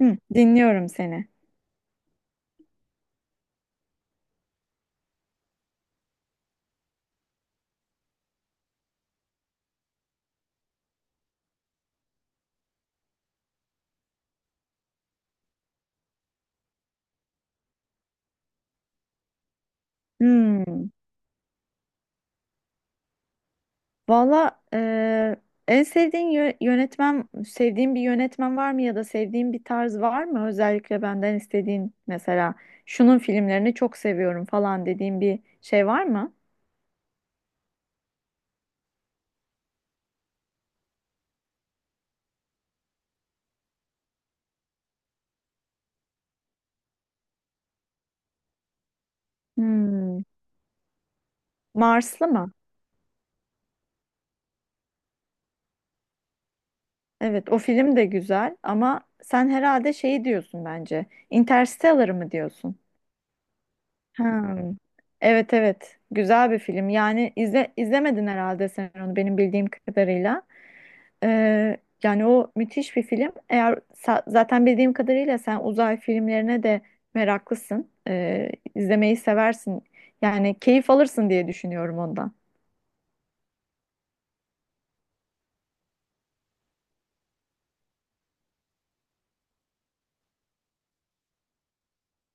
Hı, dinliyorum seni. Hmm. Valla en sevdiğin yönetmen, sevdiğin bir yönetmen var mı ya da sevdiğin bir tarz var mı? Özellikle benden istediğin mesela şunun filmlerini çok seviyorum falan dediğin bir şey var mı? Hmm, Marslı mı? Evet, o film de güzel ama sen herhalde şeyi diyorsun bence. Interstellar mı diyorsun? Hmm. Evet evet, güzel bir film. Yani izlemedin herhalde sen onu benim bildiğim kadarıyla. Ee, Yani o müthiş bir film. Eğer zaten bildiğim kadarıyla sen uzay filmlerine de meraklısın. İzlemeyi seversin. Yani keyif alırsın diye düşünüyorum ondan.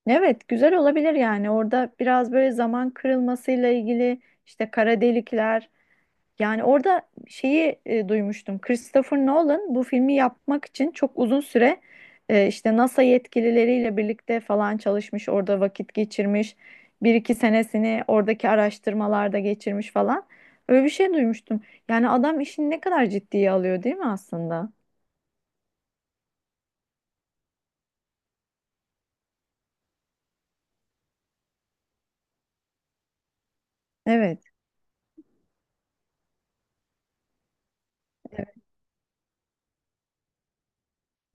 Evet, güzel olabilir yani. Orada biraz böyle zaman kırılmasıyla ilgili işte kara delikler. Yani orada şeyi duymuştum. Christopher Nolan bu filmi yapmak için çok uzun süre işte NASA yetkilileriyle birlikte falan çalışmış, orada vakit geçirmiş. Bir iki senesini oradaki araştırmalarda geçirmiş falan. Öyle bir şey duymuştum. Yani adam işini ne kadar ciddiye alıyor değil mi aslında? Evet.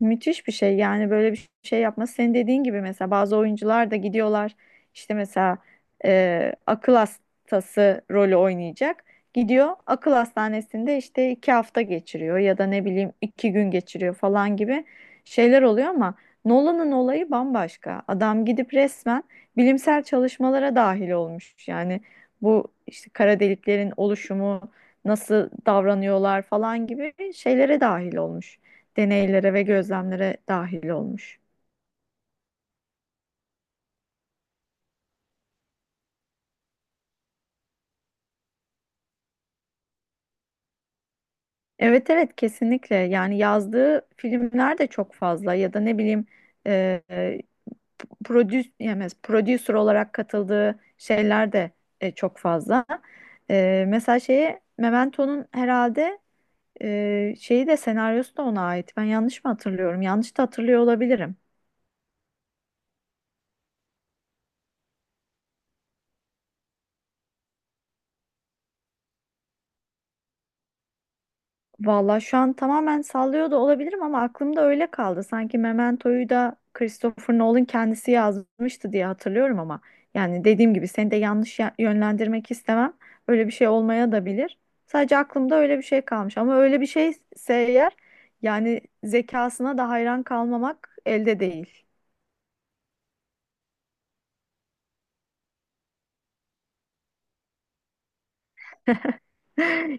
Müthiş bir şey yani böyle bir şey yapması senin dediğin gibi mesela bazı oyuncular da gidiyorlar işte mesela akıl hastası rolü oynayacak gidiyor akıl hastanesinde işte iki hafta geçiriyor ya da ne bileyim iki gün geçiriyor falan gibi şeyler oluyor ama Nolan'ın olayı bambaşka adam gidip resmen bilimsel çalışmalara dahil olmuş yani bu işte kara deliklerin oluşumu nasıl davranıyorlar falan gibi şeylere dahil olmuş deneylere ve gözlemlere dahil olmuş. Evet evet kesinlikle yani yazdığı filmler de çok fazla ya da ne bileyim e, yani prodüser olarak katıldığı şeyler de çok fazla. Mesela şeyi Memento'nun herhalde şeyi de senaryosu da ona ait. Ben yanlış mı hatırlıyorum? Yanlış da hatırlıyor olabilirim. Valla şu an tamamen sallıyor da olabilirim ama aklımda öyle kaldı. Sanki Memento'yu da Christopher Nolan kendisi yazmıştı diye hatırlıyorum ama yani dediğim gibi seni de yanlış yönlendirmek istemem. Öyle bir şey olmaya da bilir. Sadece aklımda öyle bir şey kalmış ama öyle bir şeyse eğer yani zekasına da hayran kalmamak elde değil.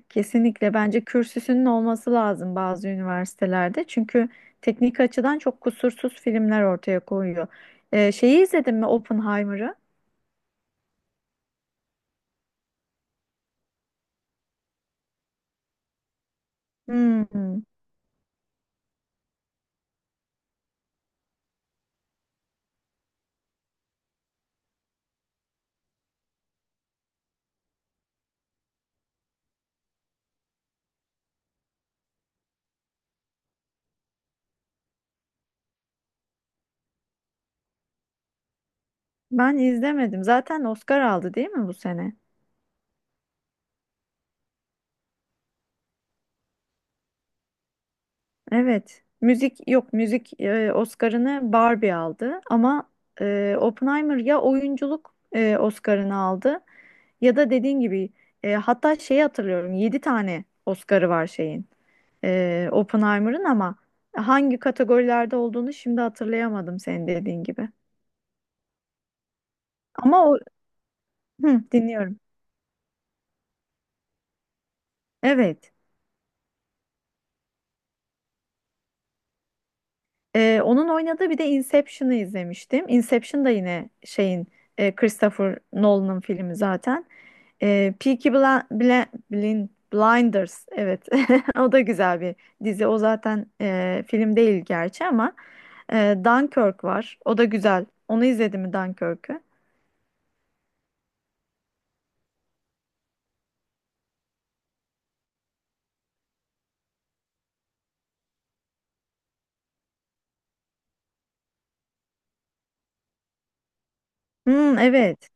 Kesinlikle bence kürsüsünün olması lazım bazı üniversitelerde. Çünkü teknik açıdan çok kusursuz filmler ortaya koyuyor. Şeyi izledin mi Oppenheimer'ı? Hmm. Ben izlemedim. Zaten Oscar aldı değil mi bu sene? Evet. Müzik yok müzik Oscar'ını Barbie aldı ama Oppenheimer ya oyunculuk Oscar'ını aldı ya da dediğin gibi hatta şeyi hatırlıyorum 7 tane Oscar'ı var şeyin. Oppenheimer'ın ama hangi kategorilerde olduğunu şimdi hatırlayamadım senin dediğin gibi. Ama o. Hı, dinliyorum. Evet. Onun oynadığı bir de Inception'ı izlemiştim. Inception da yine şeyin Christopher Nolan'ın filmi zaten. Peaky Blinders evet o da güzel bir dizi o zaten film değil gerçi ama Dunkirk var o da güzel onu izledin mi Dunkirk'ü? Hmm, evet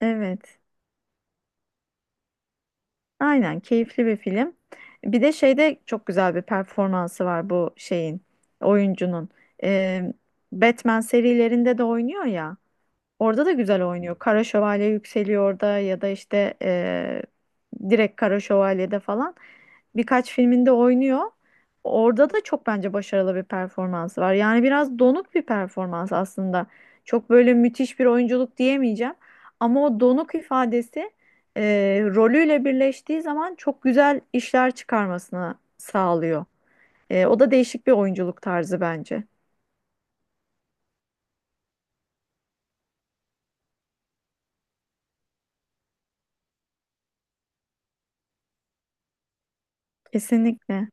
evet. Aynen keyifli bir film. Bir de şeyde çok güzel bir performansı var bu şeyin oyuncunun. Ee, Batman serilerinde de oynuyor ya. Orada da güzel oynuyor. Kara Şövalye yükseliyor orada ya da işte direkt Kara Şövalye'de falan birkaç filminde oynuyor. Orada da çok bence başarılı bir performansı var. Yani biraz donuk bir performans aslında. Çok böyle müthiş bir oyunculuk diyemeyeceğim. Ama o donuk ifadesi rolüyle birleştiği zaman çok güzel işler çıkarmasını sağlıyor. O da değişik bir oyunculuk tarzı bence. Kesinlikle.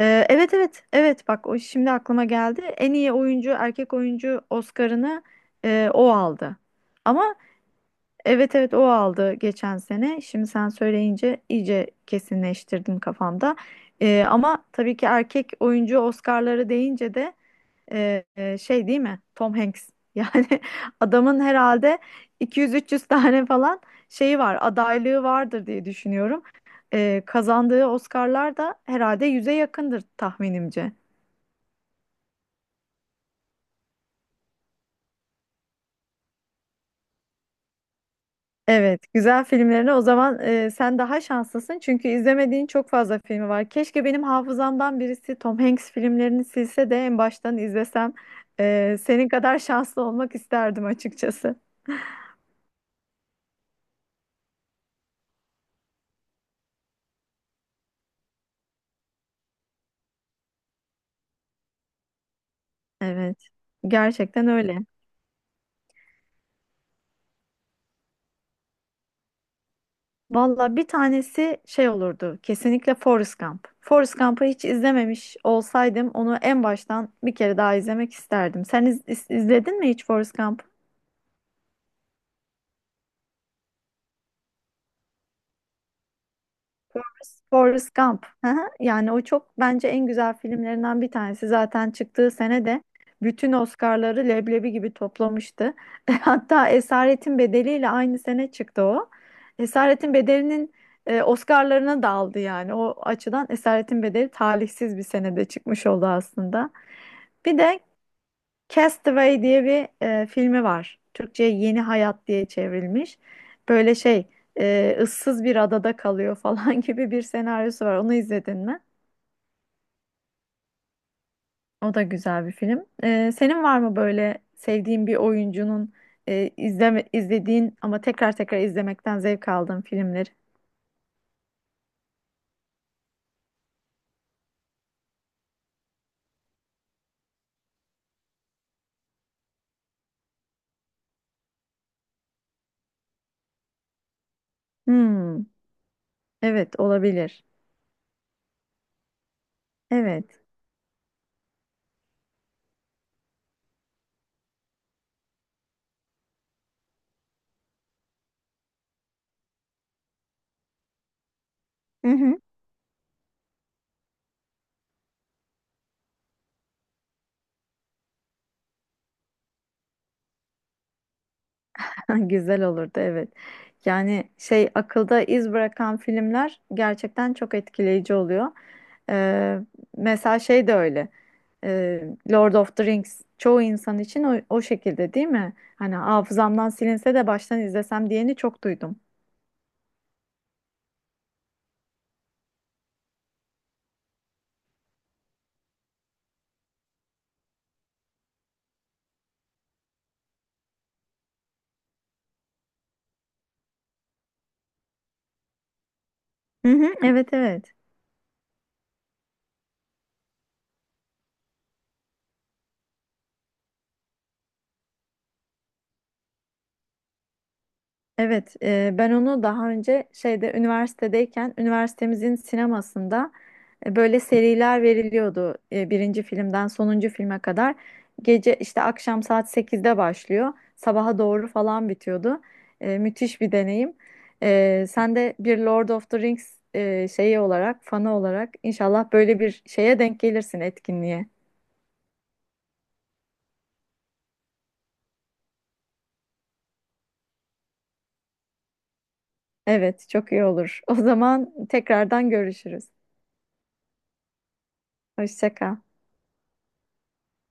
Evet evet evet bak o şimdi aklıma geldi. En iyi oyuncu erkek oyuncu Oscar'ını o aldı. Ama evet evet o aldı geçen sene. Şimdi sen söyleyince iyice kesinleştirdim kafamda. Ama tabii ki erkek oyuncu Oscar'ları deyince de şey değil mi? Tom Hanks. Yani adamın herhalde 200-300 tane falan şeyi var, adaylığı vardır diye düşünüyorum. Kazandığı Oscar'lar da herhalde 100'e yakındır tahminimce. Evet, güzel filmlerine o zaman sen daha şanslısın çünkü izlemediğin çok fazla filmi var. Keşke benim hafızamdan birisi Tom Hanks filmlerini silse de en baştan izlesem. Senin kadar şanslı olmak isterdim açıkçası. Evet, gerçekten öyle. Valla bir tanesi şey olurdu. Kesinlikle Forrest Gump. Forrest Gump'ı hiç izlememiş olsaydım onu en baştan bir kere daha izlemek isterdim. Sen izledin mi hiç Forrest Gump'ı? Forrest Gump. Hı hı. Yani o çok bence en güzel filmlerinden bir tanesi. Zaten çıktığı sene de bütün Oscar'ları leblebi gibi toplamıştı. Hatta Esaretin Bedeli'yle aynı sene çıktı o. Esaretin Bedeli'nin Oscar'larına da aldı yani. O açıdan Esaretin Bedeli talihsiz bir senede çıkmış oldu aslında. Bir de Castaway diye bir filmi var. Türkçe'ye Yeni Hayat diye çevrilmiş. Böyle şey, ıssız bir adada kalıyor falan gibi bir senaryosu var. Onu izledin mi? O da güzel bir film. Senin var mı böyle sevdiğin bir oyuncunun izlediğin ama tekrar tekrar izlemekten zevk aldığın filmleri? Hmm, evet olabilir. Evet. Hı hı. Güzel olurdu evet. Yani şey akılda iz bırakan filmler gerçekten çok etkileyici oluyor. Ee, Mesela şey de öyle. Ee, Lord of the Rings çoğu insan için o şekilde değil mi? Hani hafızamdan silinse de baştan izlesem diyeni çok duydum. Hı hı, evet evet. Evet, ben onu daha önce şeyde üniversitedeyken üniversitemizin sinemasında böyle seriler veriliyordu. Birinci filmden sonuncu filme kadar. Gece işte akşam saat sekizde başlıyor. Sabaha doğru falan bitiyordu. Müthiş bir deneyim. Sen de bir Lord of the Rings şeyi olarak, fanı olarak inşallah böyle bir şeye denk gelirsin etkinliğe. Evet, çok iyi olur. O zaman tekrardan görüşürüz. Hoşça kal.